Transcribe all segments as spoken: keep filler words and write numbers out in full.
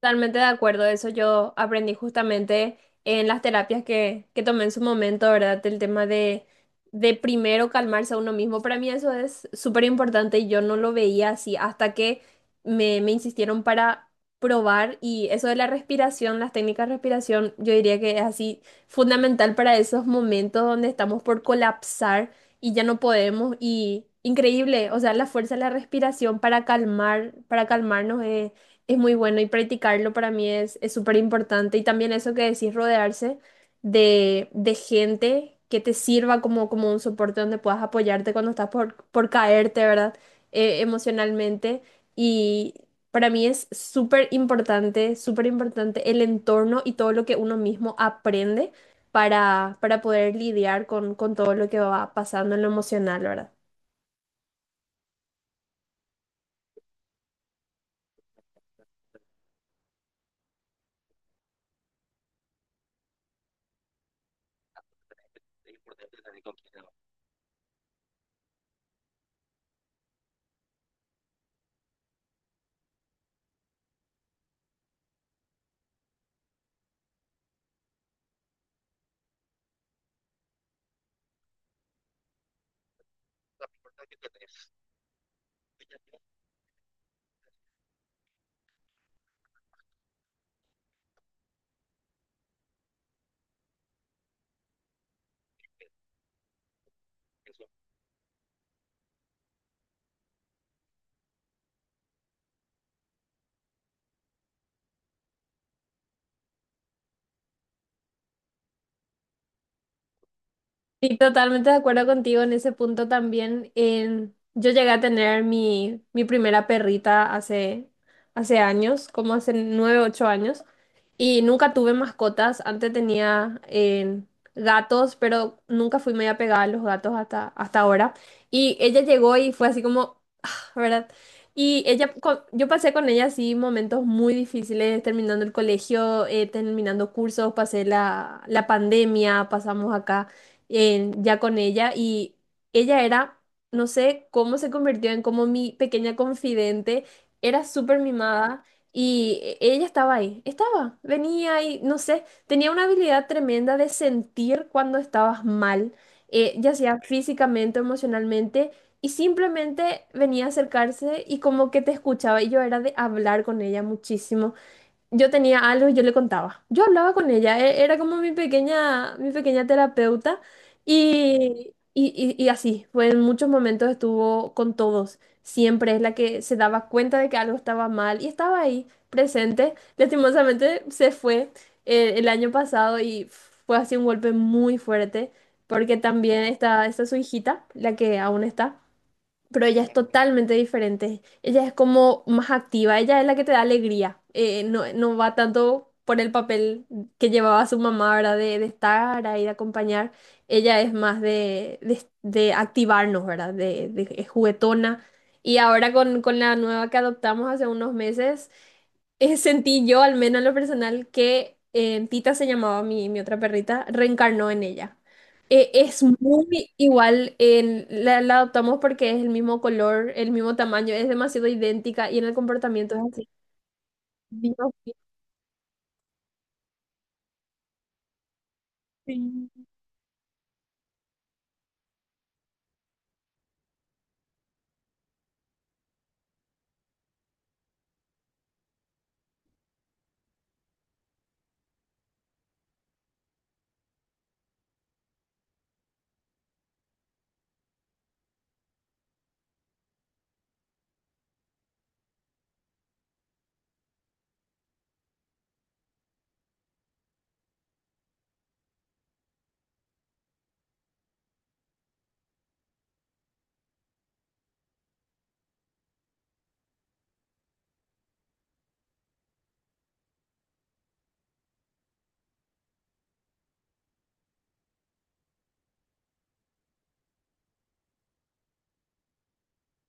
Totalmente de acuerdo, eso yo aprendí justamente en las terapias que, que tomé en su momento, ¿verdad? El tema de, de primero calmarse a uno mismo, para mí eso es súper importante y yo no lo veía así hasta que me, me insistieron para probar y eso de la respiración, las técnicas de respiración, yo diría que es así fundamental para esos momentos donde estamos por colapsar y ya no podemos y increíble, o sea, la fuerza de la respiración para calmar, para calmarnos. Eh, es muy bueno y practicarlo para mí es, es súper importante. Y también eso que decís, rodearse de, de gente que te sirva como, como un soporte donde puedas apoyarte cuando estás por, por caerte, ¿verdad? Eh, emocionalmente. Y para mí es súper importante, súper importante el entorno y todo lo que uno mismo aprende para, para poder lidiar con, con todo lo que va pasando en lo emocional, ¿verdad? Sí, totalmente de acuerdo contigo en ese punto también. En- yo llegué a tener mi, mi primera perrita hace, hace años, como hace nueve, ocho años, y nunca tuve mascotas. Antes tenía eh, gatos, pero nunca fui muy apegada a los gatos hasta, hasta ahora. Y ella llegó y fue así como ¿verdad? Y ella, co- yo pasé con ella así momentos muy difíciles, terminando el colegio, eh, terminando cursos, pasé la, la pandemia, pasamos acá eh, ya con ella y ella era, no sé cómo se convirtió en como mi pequeña confidente, era súper mimada y e- ella estaba ahí, estaba, venía y no sé, tenía una habilidad tremenda de sentir cuando estabas mal, eh, ya sea físicamente o emocionalmente. Y simplemente venía a acercarse y como que te escuchaba y yo era de hablar con ella muchísimo. Yo tenía algo y yo le contaba. Yo hablaba con ella, e- era como mi pequeña, mi pequeña terapeuta y, y, y, y así, fue en muchos momentos estuvo con todos. Siempre es la que se daba cuenta de que algo estaba mal y estaba ahí, presente. Lastimosamente se fue eh, el año pasado y fue así un golpe muy fuerte porque también está, está su hijita, la que aún está, pero ella es totalmente diferente. Ella es como más activa, ella es la que te da alegría. Eh, no, no va tanto por el papel que llevaba su mamá, ¿verdad? De, de estar ahí, de acompañar. Ella es más de, de, de activarnos, ¿verdad? De, de- es juguetona. Y ahora con, con la nueva que adoptamos hace unos meses, eh, sentí yo, al menos en lo personal, que eh, Tita se llamaba mi, mi otra perrita, reencarnó en ella. Eh, es muy igual, en- la, la adoptamos porque es el mismo color, el mismo tamaño, es demasiado idéntica y en el comportamiento es así. Dios mío.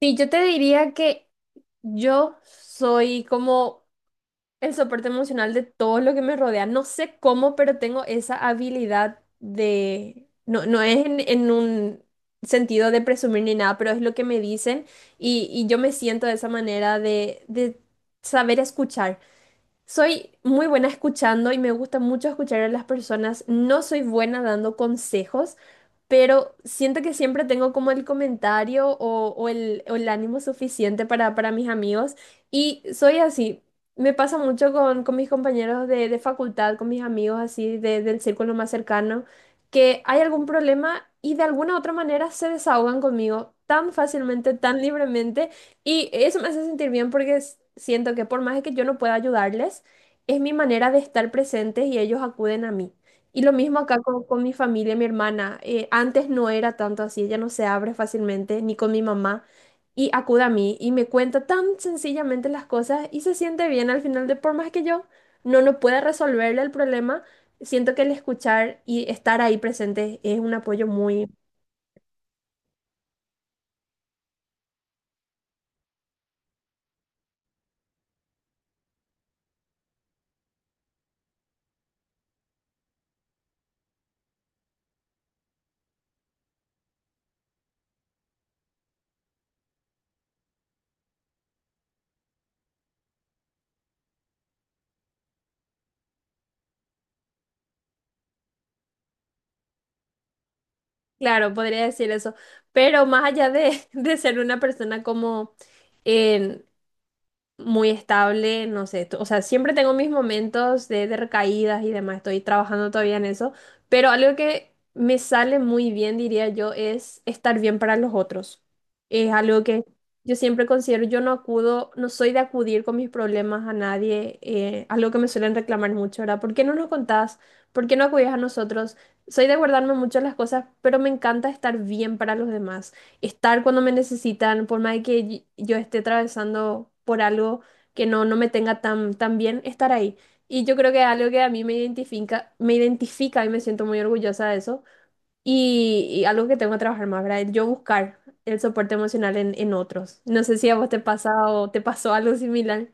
Sí, yo te diría que yo soy como el soporte emocional de todo lo que me rodea. No sé cómo, pero tengo esa habilidad de... No, no es en, en un sentido de presumir ni nada, pero es lo que me dicen y, y yo me siento de esa manera de, de saber escuchar. Soy muy buena escuchando y me gusta mucho escuchar a las personas. No soy buena dando consejos, pero siento que siempre tengo como el comentario o, o el, o el ánimo suficiente para, para mis amigos y soy así. Me pasa mucho con, con mis compañeros de, de facultad, con mis amigos así de- del círculo más cercano, que hay algún problema y de alguna otra manera se desahogan conmigo tan fácilmente, tan libremente y eso me hace sentir bien porque s- siento que por más que yo no pueda ayudarles, es mi manera de estar presentes y ellos acuden a mí. Y lo mismo acá con, con mi familia, mi hermana. Eh, antes no era tanto así, ella no se abre fácilmente, ni con mi mamá. Y acude a mí y me cuenta tan sencillamente las cosas y se siente bien al final de por más que yo no, no pueda resolverle el problema, siento que el escuchar y estar ahí presente es un apoyo muy claro, podría decir eso. Pero más allá de, de ser una persona como... em, muy estable, no sé, t- o sea, siempre tengo mis momentos de, de recaídas y demás, estoy trabajando todavía en eso, pero algo que me sale muy bien, diría yo, es estar bien para los otros. Es algo que yo siempre considero, yo no acudo, no soy de acudir con mis problemas a nadie, eh, algo que me suelen reclamar mucho, ¿verdad? ¿Por qué no nos contás? ¿Por qué no acudís a nosotros? Soy de guardarme mucho las cosas, pero me encanta estar bien para los demás, estar cuando me necesitan, por más de que y- yo esté atravesando por algo que no, no me tenga tan, tan bien, estar ahí. Y yo creo que es algo que a mí me identifica, me identifica y me siento muy orgullosa de eso. Y, y algo que tengo que trabajar más, ¿verdad? Yo buscar el soporte emocional en, en otros. No sé si a vos te pasa o te pasó algo similar.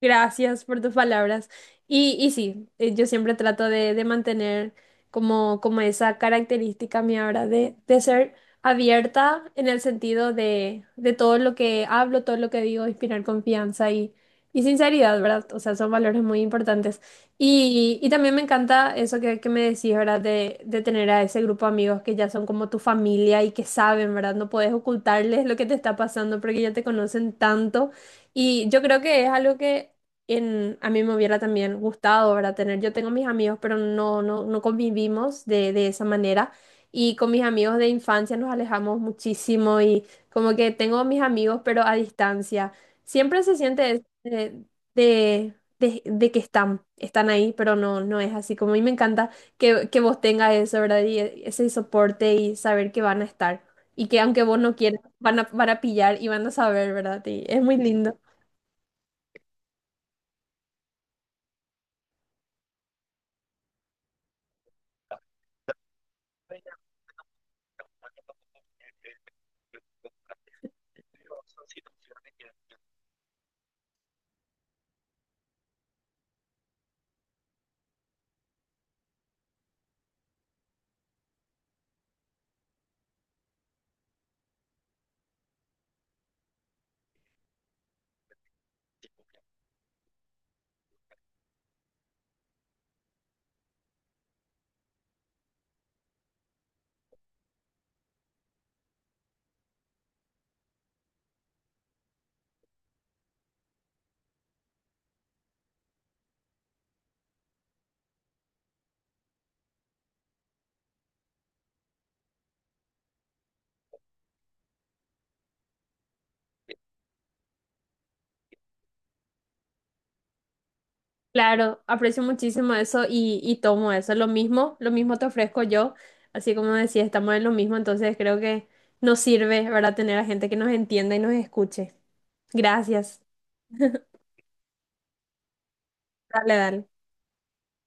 Gracias por tus palabras. Y, y sí, eh, yo siempre trato de, de mantener como, como esa característica mía ahora de, de ser abierta en el sentido de, de todo lo que hablo, todo lo que digo, inspirar confianza y, y sinceridad, ¿verdad? O sea, son valores muy importantes. Y, y también me encanta eso que, que me decís, ¿verdad? De, de tener a ese grupo de amigos que ya son como tu familia y que saben, ¿verdad? No puedes ocultarles lo que te está pasando porque ya te conocen tanto y yo creo que es algo que en, a mí me hubiera también gustado, ¿verdad? Tener. Yo tengo mis amigos, pero no, no, no convivimos de, de esa manera. Y con mis amigos de infancia nos alejamos muchísimo y como que tengo mis amigos, pero a distancia. Siempre se siente es- de, de, de- de que están, están ahí, pero no, no es así. Como a mí me encanta que, que vos tengas eso, ¿verdad? Y e- ese soporte y saber que van a estar. Y que aunque vos no quieras, van a, van a pillar y van a saber, ¿verdad? Y es muy lindo. Claro, aprecio muchísimo eso y, y tomo eso. Lo mismo, lo mismo te ofrezco yo. Así como decía, estamos en lo mismo, entonces creo que nos sirve, ¿verdad? Tener a gente que nos entienda y nos escuche. Gracias. Dale, dale.